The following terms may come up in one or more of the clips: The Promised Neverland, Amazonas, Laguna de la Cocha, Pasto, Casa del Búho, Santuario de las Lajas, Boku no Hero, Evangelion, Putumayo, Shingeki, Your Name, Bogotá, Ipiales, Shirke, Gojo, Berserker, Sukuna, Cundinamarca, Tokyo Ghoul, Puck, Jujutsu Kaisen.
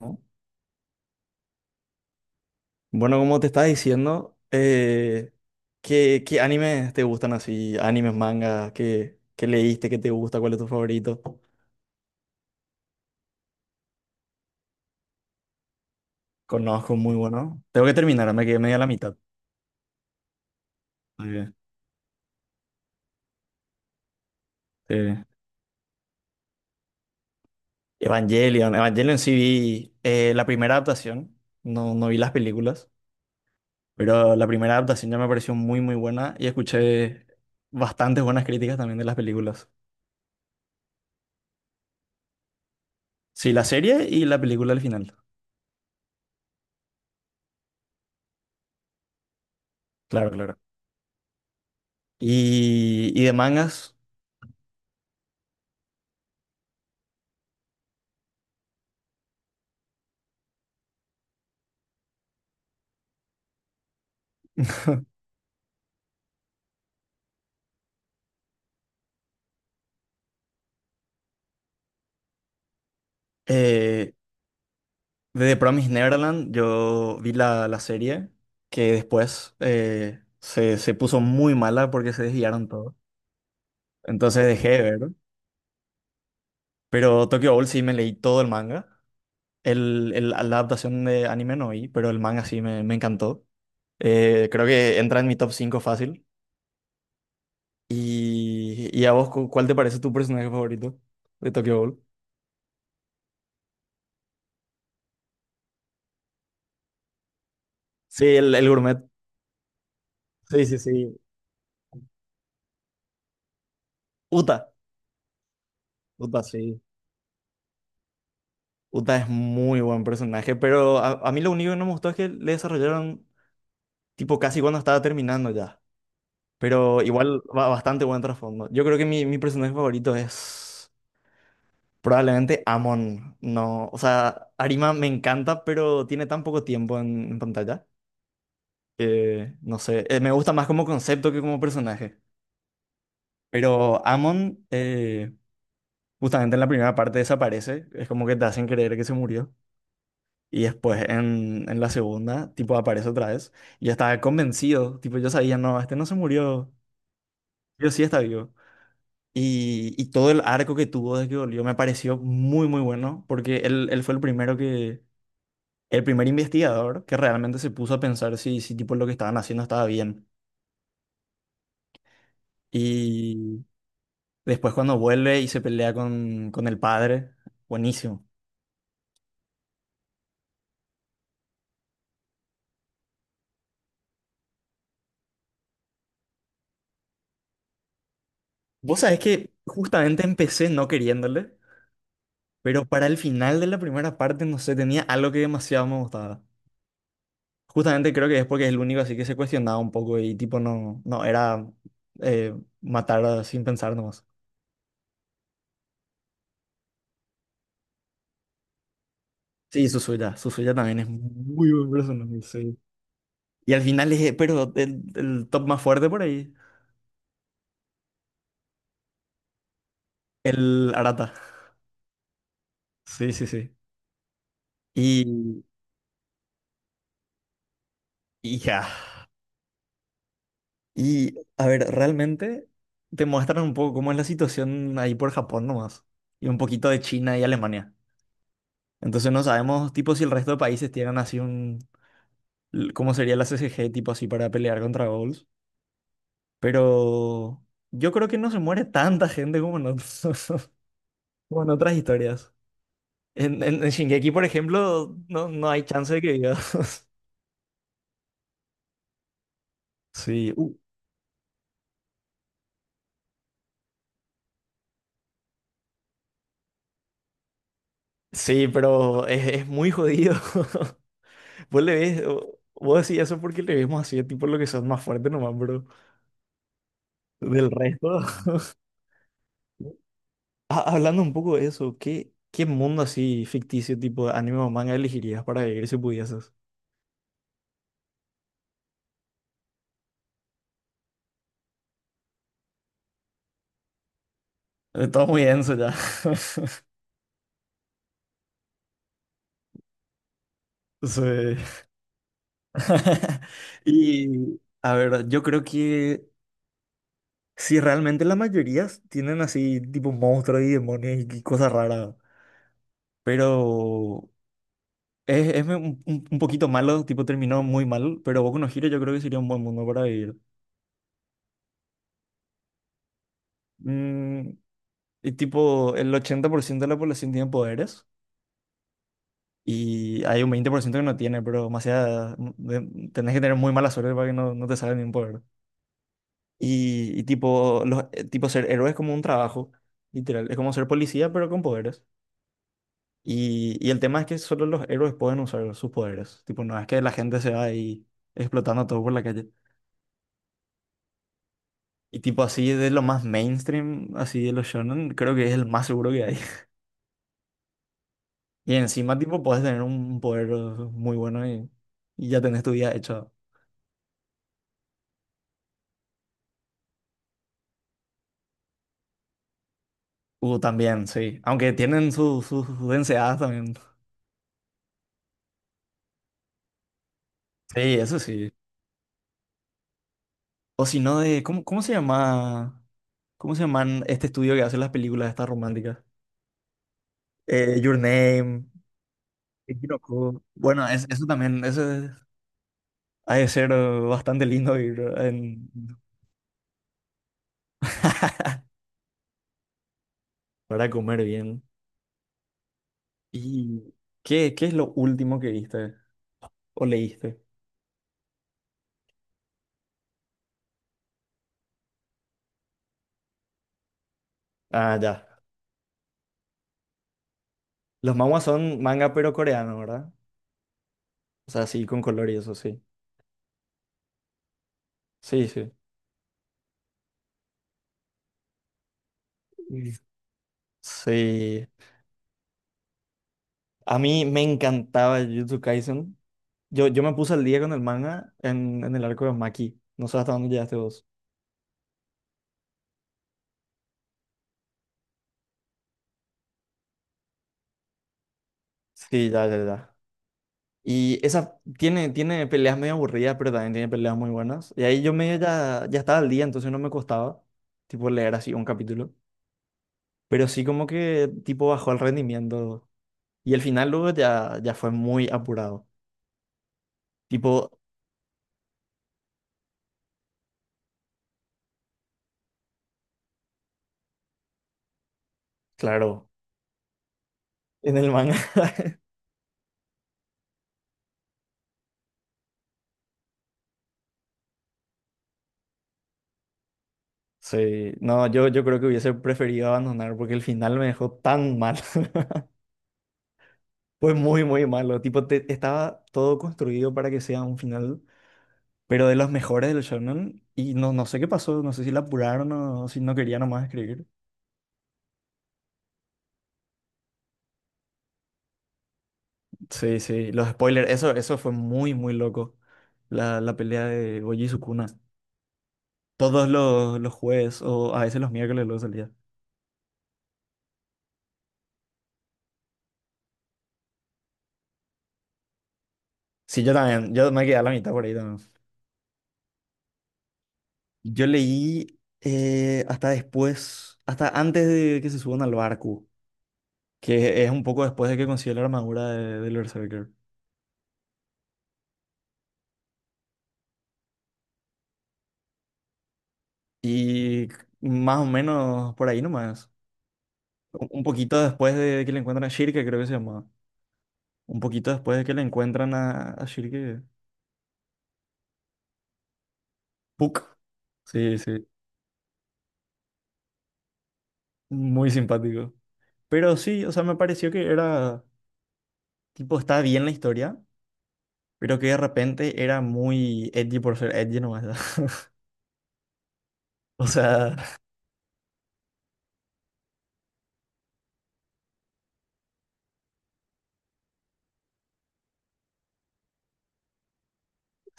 ¿No? Bueno, como te estaba diciendo, ¿qué, qué animes te gustan así? ¿Animes, mangas? ¿Qué, qué leíste? ¿Qué te gusta? ¿Cuál es tu favorito? Conozco, muy bueno. Tengo que terminar, me quedé media a la mitad. Muy... Eh, Evangelion. Evangelion sí vi, la primera adaptación. No, no vi las películas, pero la primera adaptación ya me pareció muy, muy buena y escuché bastantes buenas críticas también de las películas. Sí, la serie y la película al final. Claro, claro. Y de mangas. Eh, de The Promised Neverland, yo vi la, la serie que después se puso muy mala porque se desviaron todo. Entonces dejé de ver. Pero Tokyo Ghoul sí me leí todo el manga. La adaptación de anime no vi, pero el manga sí me encantó. Creo que entra en mi top 5 fácil. Y a vos, ¿cuál te parece tu personaje favorito de Tokyo Ghoul? Sí, el gourmet. Sí, sí, sí. Uta. Uta, sí. Uta es muy buen personaje, pero a mí lo único que no me gustó es que le desarrollaron tipo casi cuando estaba terminando ya. Pero igual va bastante buen trasfondo. Yo creo que mi personaje favorito es probablemente Amon. No, o sea, Arima me encanta, pero tiene tan poco tiempo en pantalla que no sé, me gusta más como concepto que como personaje. Pero Amon justamente en la primera parte desaparece. Es como que te hacen creer que se murió. Y después en la segunda, tipo, aparece otra vez. Y yo estaba convencido, tipo, yo sabía, no, este no se murió, yo sí está vivo. Y todo el arco que tuvo desde que volvió me pareció muy, muy bueno, porque él fue el primero que, el primer investigador que realmente se puso a pensar si, si tipo lo que estaban haciendo estaba bien. Y después cuando vuelve y se pelea con el padre, buenísimo. Vos sabés que justamente empecé no queriéndole. Pero para el final de la primera parte, no sé, tenía algo que demasiado me gustaba. Justamente creo que es porque es el único así que se cuestionaba un poco y tipo no, no, era eh, sin pensar nomás. Sí, Suzuya, Suzuya también es muy buen personaje, sí. Y al final es, pero el top más fuerte por ahí, el Arata. Sí, sí, sí. Y, y ya. Y a ver, realmente te muestran un poco cómo es la situación ahí por Japón nomás. Y un poquito de China y Alemania. Entonces no sabemos, tipo, si el resto de países tienen así un, cómo sería la CCG, tipo, así para pelear contra goals. Pero yo creo que no se muere tanta gente como en como en otras historias. En Shingeki, por ejemplo, no, no hay chance de que digas. Sí, sí, pero es muy jodido. Vos le ves, vos decís eso porque le vemos así, tipo, lo que son más fuertes nomás, bro. Del resto. Ah, hablando un poco de eso, ¿qué, qué mundo así ficticio tipo de anime o manga elegirías para vivir si pudieses? Todo muy denso ya. Sí. Y a ver, yo creo que si realmente la mayoría tienen así tipo monstruos y demonios y cosas raras, pero es un, un poquito malo, tipo terminó muy mal, pero Boku no Hero yo creo que sería un buen mundo para vivir. Mm, y tipo el 80% de la población tiene poderes. Y hay un 20% que no tiene, pero demasiada, tenés que tener muy mala suerte para que no, no te salga ningún poder. Y tipo, los, tipo ser héroe es como un trabajo, literal. Es como ser policía, pero con poderes. Y el tema es que solo los héroes pueden usar sus poderes. Tipo, no es que la gente se va ahí explotando todo por la calle. Y tipo, así de lo más mainstream, así de los shonen, creo que es el más seguro que hay. Y encima, tipo, puedes tener un poder muy bueno y ya tenés tu vida hecha. También, sí. Aunque tienen sus densidades también. Sí, eso sí. O si no de... ¿Cómo, cómo se llama? ¿Cómo se llaman este estudio que hace las películas estas románticas? Your Name, Kinoko. Bueno, eso también, ha de ser bastante lindo ir para comer bien. ¿Y qué, qué es lo último que viste o leíste? Ah, ya. Los manhwa son manga pero coreano, ¿verdad? O sea, sí, con color y eso, sí. Sí, sí. Mm. Sí. A mí me encantaba Jujutsu Kaisen. Yo me puse al día con el manga en el arco de Maki. No sé hasta dónde llegaste vos. Sí, ya, ya, ya. Y esa tiene, tiene peleas medio aburridas, pero también tiene peleas muy buenas. Y ahí yo medio ya, ya estaba al día, entonces no me costaba, tipo, leer así un capítulo. Pero sí como que, tipo, bajó el rendimiento. Y el final luego ya, ya fue muy apurado. Tipo, claro, en el manga. Sí, no, yo creo que hubiese preferido abandonar porque el final me dejó tan mal. Fue muy, muy malo. Tipo, estaba todo construido para que sea un final, pero de los mejores del shonen. Y no, no sé qué pasó, no sé si la apuraron o si no quería nomás escribir. Sí, sí, los spoilers, eso fue muy, muy loco. La pelea de Gojo y Sukuna. Todos los jueves o a veces los miércoles luego salía. Sí, yo también, yo me quedé a la mitad por ahí. Yo leí hasta después, hasta antes de que se suban al barco, que es un poco después de que consigue la armadura del Berserker. Y más o menos por ahí nomás. Un poquito después de que le encuentran a Shirke, creo que se llamaba. Un poquito después de que le encuentran a Shirke. Puck. Sí, sí. Muy simpático. Pero sí, o sea, me pareció que era, tipo, está bien la historia, pero que de repente era muy edgy por ser edgy nomás. O sea,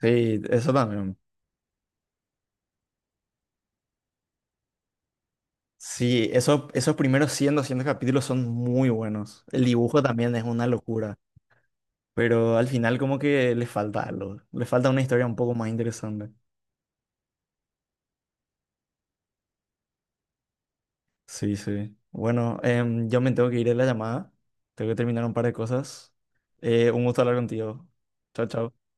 sí, eso también. Sí, eso, esos primeros 100, 200 capítulos son muy buenos. El dibujo también es una locura, pero al final como que le falta algo, le falta una historia un poco más interesante. Sí, sí. Bueno, em, yo me tengo que ir a la llamada, tengo que terminar un par de cosas. Un gusto hablar contigo. Chao, chao.